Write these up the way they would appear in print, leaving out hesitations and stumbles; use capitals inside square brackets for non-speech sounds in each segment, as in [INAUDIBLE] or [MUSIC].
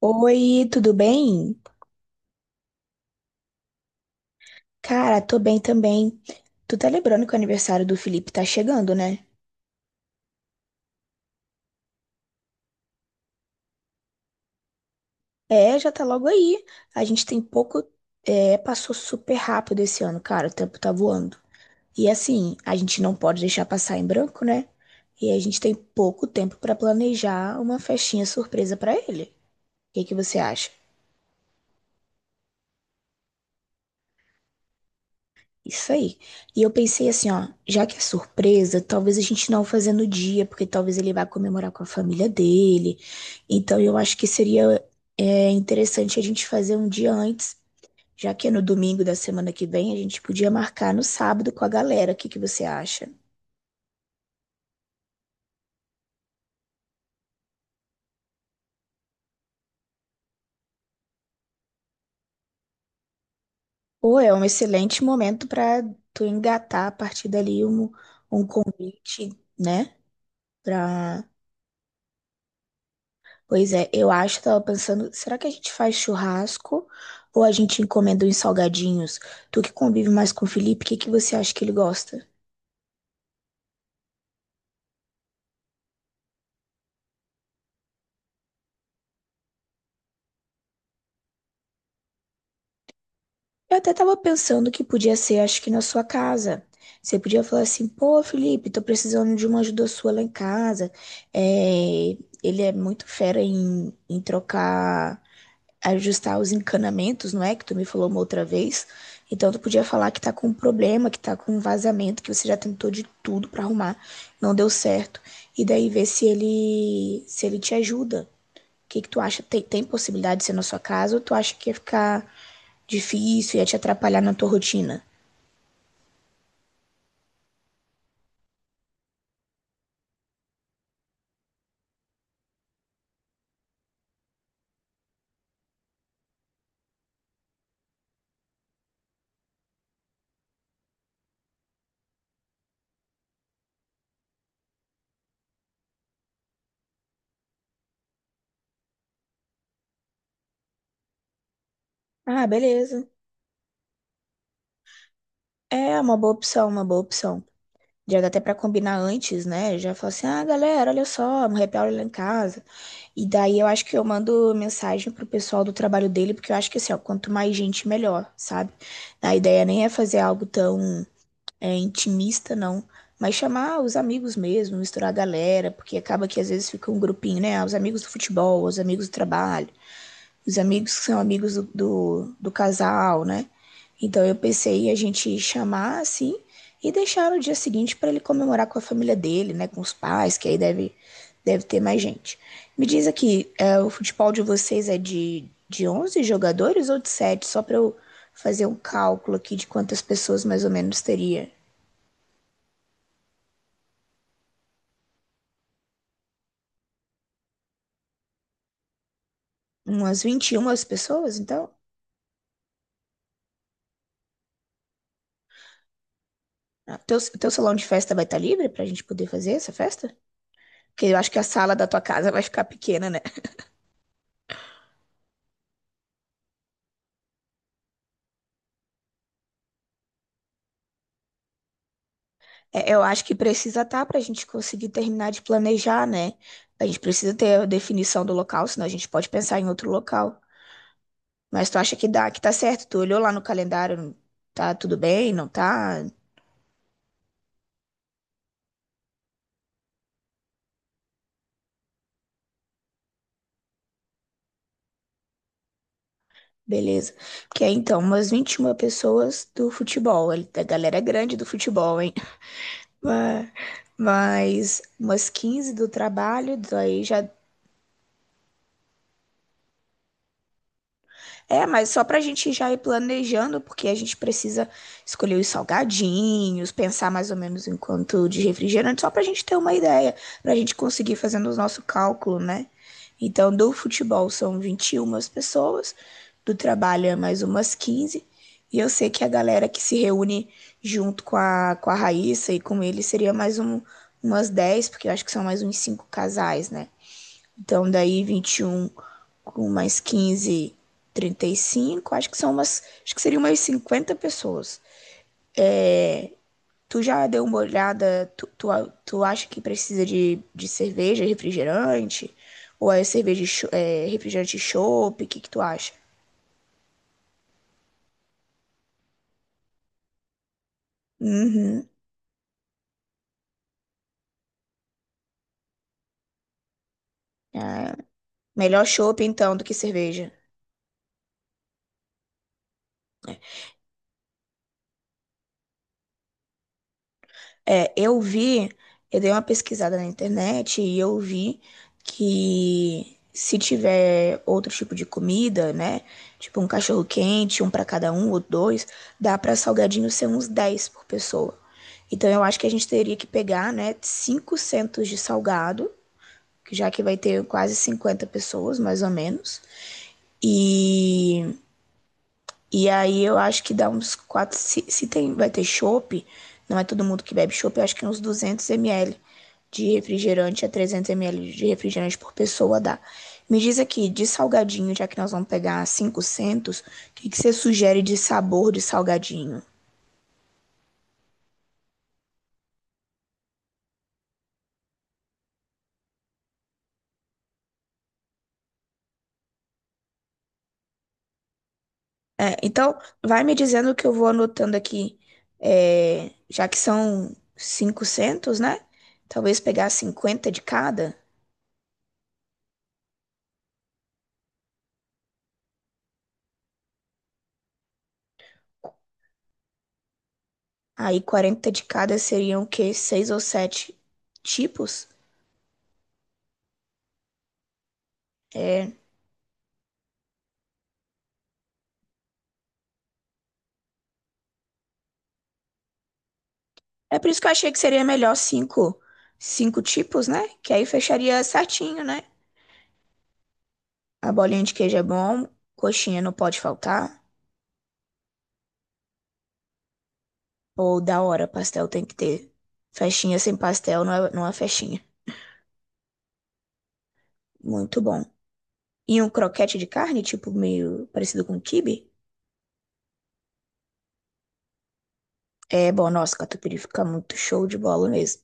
Oi, tudo bem? Cara, tô bem também. Tu tá lembrando que o aniversário do Felipe tá chegando, né? É, já tá logo aí. A gente tem pouco. É, passou super rápido esse ano, cara. O tempo tá voando. E assim, a gente não pode deixar passar em branco, né? E a gente tem pouco tempo pra planejar uma festinha surpresa pra ele. O que que você acha? Isso aí. E eu pensei assim, ó, já que é surpresa, talvez a gente não fazer no dia, porque talvez ele vá comemorar com a família dele. Então eu acho que seria interessante a gente fazer um dia antes, já que é no domingo da semana que vem, a gente podia marcar no sábado com a galera. O que que você acha? Pô, é um excelente momento para tu engatar a partir dali um, né? Pra... Pois é, eu acho, tava pensando, será que a gente faz churrasco ou a gente encomenda uns salgadinhos? Tu que convive mais com o Felipe, o que que você acha que ele gosta? Eu até tava pensando que podia ser, acho que na sua casa. Você podia falar assim, pô, Felipe, tô precisando de uma ajuda sua lá em casa. É, ele é muito fera em trocar, ajustar os encanamentos, não é? Que tu me falou uma outra vez. Então tu podia falar que tá com um problema, que tá com um vazamento, que você já tentou de tudo pra arrumar, não deu certo. E daí ver se ele te ajuda. O que que tu acha? Tem possibilidade de ser na sua casa ou tu acha que ia ficar difícil, ia te atrapalhar na tua rotina? Ah, beleza. É uma boa opção, uma boa opção. Já dá até pra combinar antes, né? Já fala assim, ah, galera, olha só, um happy hour lá em casa. E daí eu acho que eu mando mensagem pro pessoal do trabalho dele, porque eu acho que assim, ó, quanto mais gente, melhor, sabe? A ideia nem é fazer algo tão intimista, não. Mas chamar os amigos mesmo, misturar a galera, porque acaba que às vezes fica um grupinho, né? Ah, os amigos do futebol, os amigos do trabalho, os amigos que são amigos do casal, né? Então eu pensei em a gente chamar assim e deixar no dia seguinte para ele comemorar com a família dele, né? Com os pais, que aí deve, deve ter mais gente. Me diz aqui, é, o futebol de vocês é de 11 jogadores ou de 7? Só para eu fazer um cálculo aqui de quantas pessoas mais ou menos teria. Umas 21 pessoas, então? Ah, teu, teu salão de festa vai estar livre para a gente poder fazer essa festa? Porque eu acho que a sala da tua casa vai ficar pequena, né? É, eu acho que precisa estar para a gente conseguir terminar de planejar, né? A gente precisa ter a definição do local, senão a gente pode pensar em outro local. Mas tu acha que dá, que tá certo? Tu olhou lá no calendário, tá tudo bem? Não tá? Beleza. Porque é então umas 21 pessoas do futebol. Ele... A galera é grande do futebol, hein? [LAUGHS] Mas mas umas 15 do trabalho, daí já... É, mas só pra gente já ir planejando, porque a gente precisa escolher os salgadinhos, pensar mais ou menos em quanto de refrigerante, só pra gente ter uma ideia, pra gente conseguir fazendo o nosso cálculo, né? Então, do futebol são 21 pessoas, do trabalho é mais umas 15 e eu sei que a galera que se reúne junto com a Raíssa e com ele seria mais um, umas 10, porque eu acho que são mais uns 5 casais, né? Então, daí 21 com mais 15, 35. Acho que são umas... Acho que seriam umas 50 pessoas. É, tu já deu uma olhada? Tu acha que precisa de cerveja, refrigerante? Ou é cerveja, refrigerante e chopp? O que que tu acha? Uhum. É, melhor chopp, então, do que cerveja. É, eu vi, eu dei uma pesquisada na internet e eu vi que se tiver outro tipo de comida, né? Tipo um cachorro quente, um pra cada um ou dois, dá pra salgadinho ser uns 10 por pessoa. Então eu acho que a gente teria que pegar, né, 5 centos de salgado, que já que vai ter quase 50 pessoas, mais ou menos. E aí eu acho que dá uns quatro... Se tem, vai ter chopp, não é todo mundo que bebe chopp, eu acho que uns 200 ml de refrigerante a 300 ml de refrigerante por pessoa dá. Me diz aqui, de salgadinho, já que nós vamos pegar 500, o que que você sugere de sabor de salgadinho? É, então, vai me dizendo que eu vou anotando aqui, é, já que são 500, né? Talvez pegar 50 de cada. Aí 40 de cada seriam o quê? Seis ou sete tipos? É. É por isso que eu achei que seria melhor cinco tipos, né? Que aí fecharia certinho, né? A bolinha de queijo é bom, coxinha não pode faltar. Ou da hora, pastel tem que ter. Festinha sem pastel não é festinha. Muito bom. E um croquete de carne, tipo meio parecido com um quibe? É bom, nossa, catupiry fica muito show de bola mesmo.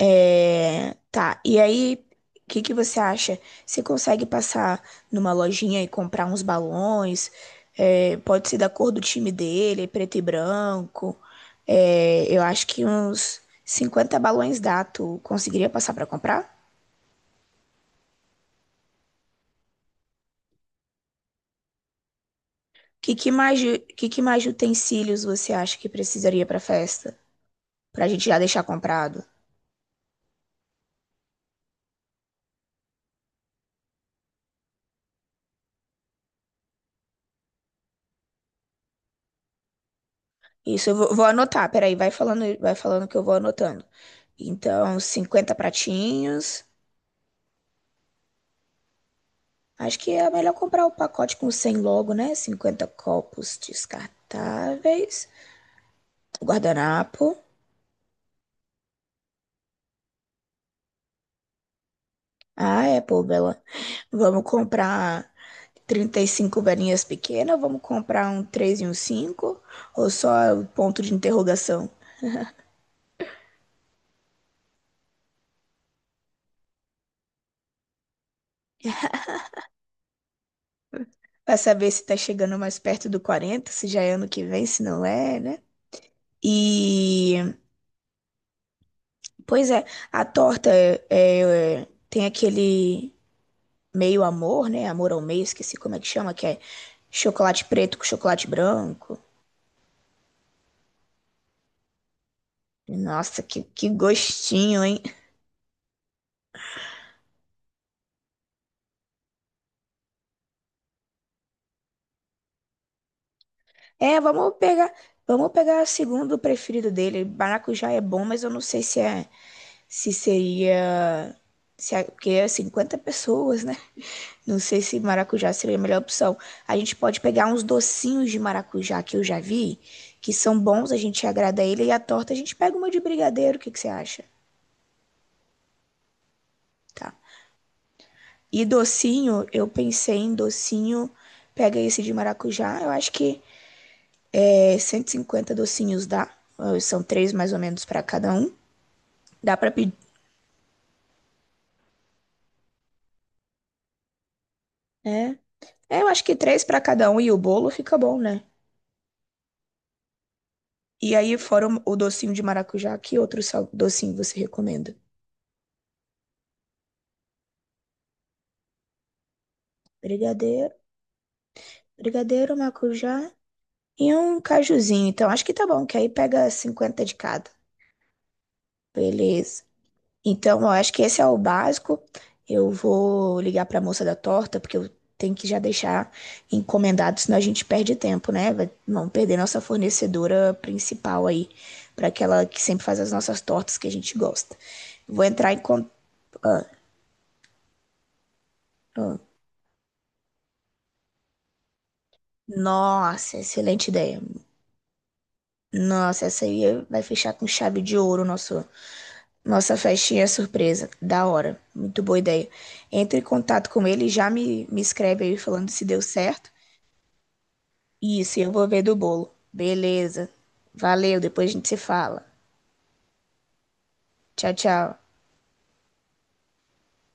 É, tá, e aí, o que que você acha? Você consegue passar numa lojinha e comprar uns balões? É, pode ser da cor do time dele, é preto e branco. É, eu acho que uns 50 balões dá. Tu conseguiria passar pra comprar? Que mais de utensílios você acha que precisaria pra festa? Pra gente já deixar comprado? Isso eu vou anotar, peraí, vai falando que eu vou anotando. Então, 50 pratinhos. Acho que é melhor comprar o pacote com 100 logo, né? Cinquenta copos descartáveis. Guardanapo. Ah, é, pô, bela. Vamos comprar 35 velhinhas pequenas. Vamos comprar um 3 e um cinco, ou só o ponto de interrogação? Pra saber se tá chegando mais perto do 40, se já é ano que vem, se não é, né? E... Pois é, a torta é, é, tem aquele meio amor, né? Amor ao meio, esqueci como é que chama, que é chocolate preto com chocolate branco. Nossa, que gostinho, hein? É, vamos pegar o segundo preferido dele. Maracujá é bom, mas eu não sei se seria se é, porque é 50 pessoas, né? [LAUGHS] Não sei se maracujá seria a melhor opção. A gente pode pegar uns docinhos de maracujá que eu já vi, que são bons, a gente agrada ele e a torta a gente pega uma de brigadeiro, o que que você acha? Tá. E docinho, eu pensei em docinho. Pega esse de maracujá, eu acho que é 150 docinhos dá. Eh, são três mais ou menos para cada um. Dá para pedir. É. É, eu acho que três para cada um e o bolo fica bom, né? E aí, fora o docinho de maracujá, que outro docinho você recomenda? Brigadeiro, brigadeiro, maracujá e um cajuzinho. Então, acho que tá bom, que aí pega 50 de cada. Beleza. Então, eu acho que esse é o básico. Eu vou ligar para a moça da torta, porque eu tenho que já deixar encomendado, senão a gente perde tempo, né? Vamos perder nossa fornecedora principal aí, para aquela que sempre faz as nossas tortas que a gente gosta. Vou entrar em contato. Nossa, excelente ideia. Nossa, essa aí vai fechar com chave de ouro nosso, nossa festinha surpresa. Da hora. Muito boa ideia. Entre em contato com ele e já me escreve aí falando se deu certo. Isso, eu vou ver do bolo. Beleza. Valeu, depois a gente se fala. Tchau, tchau.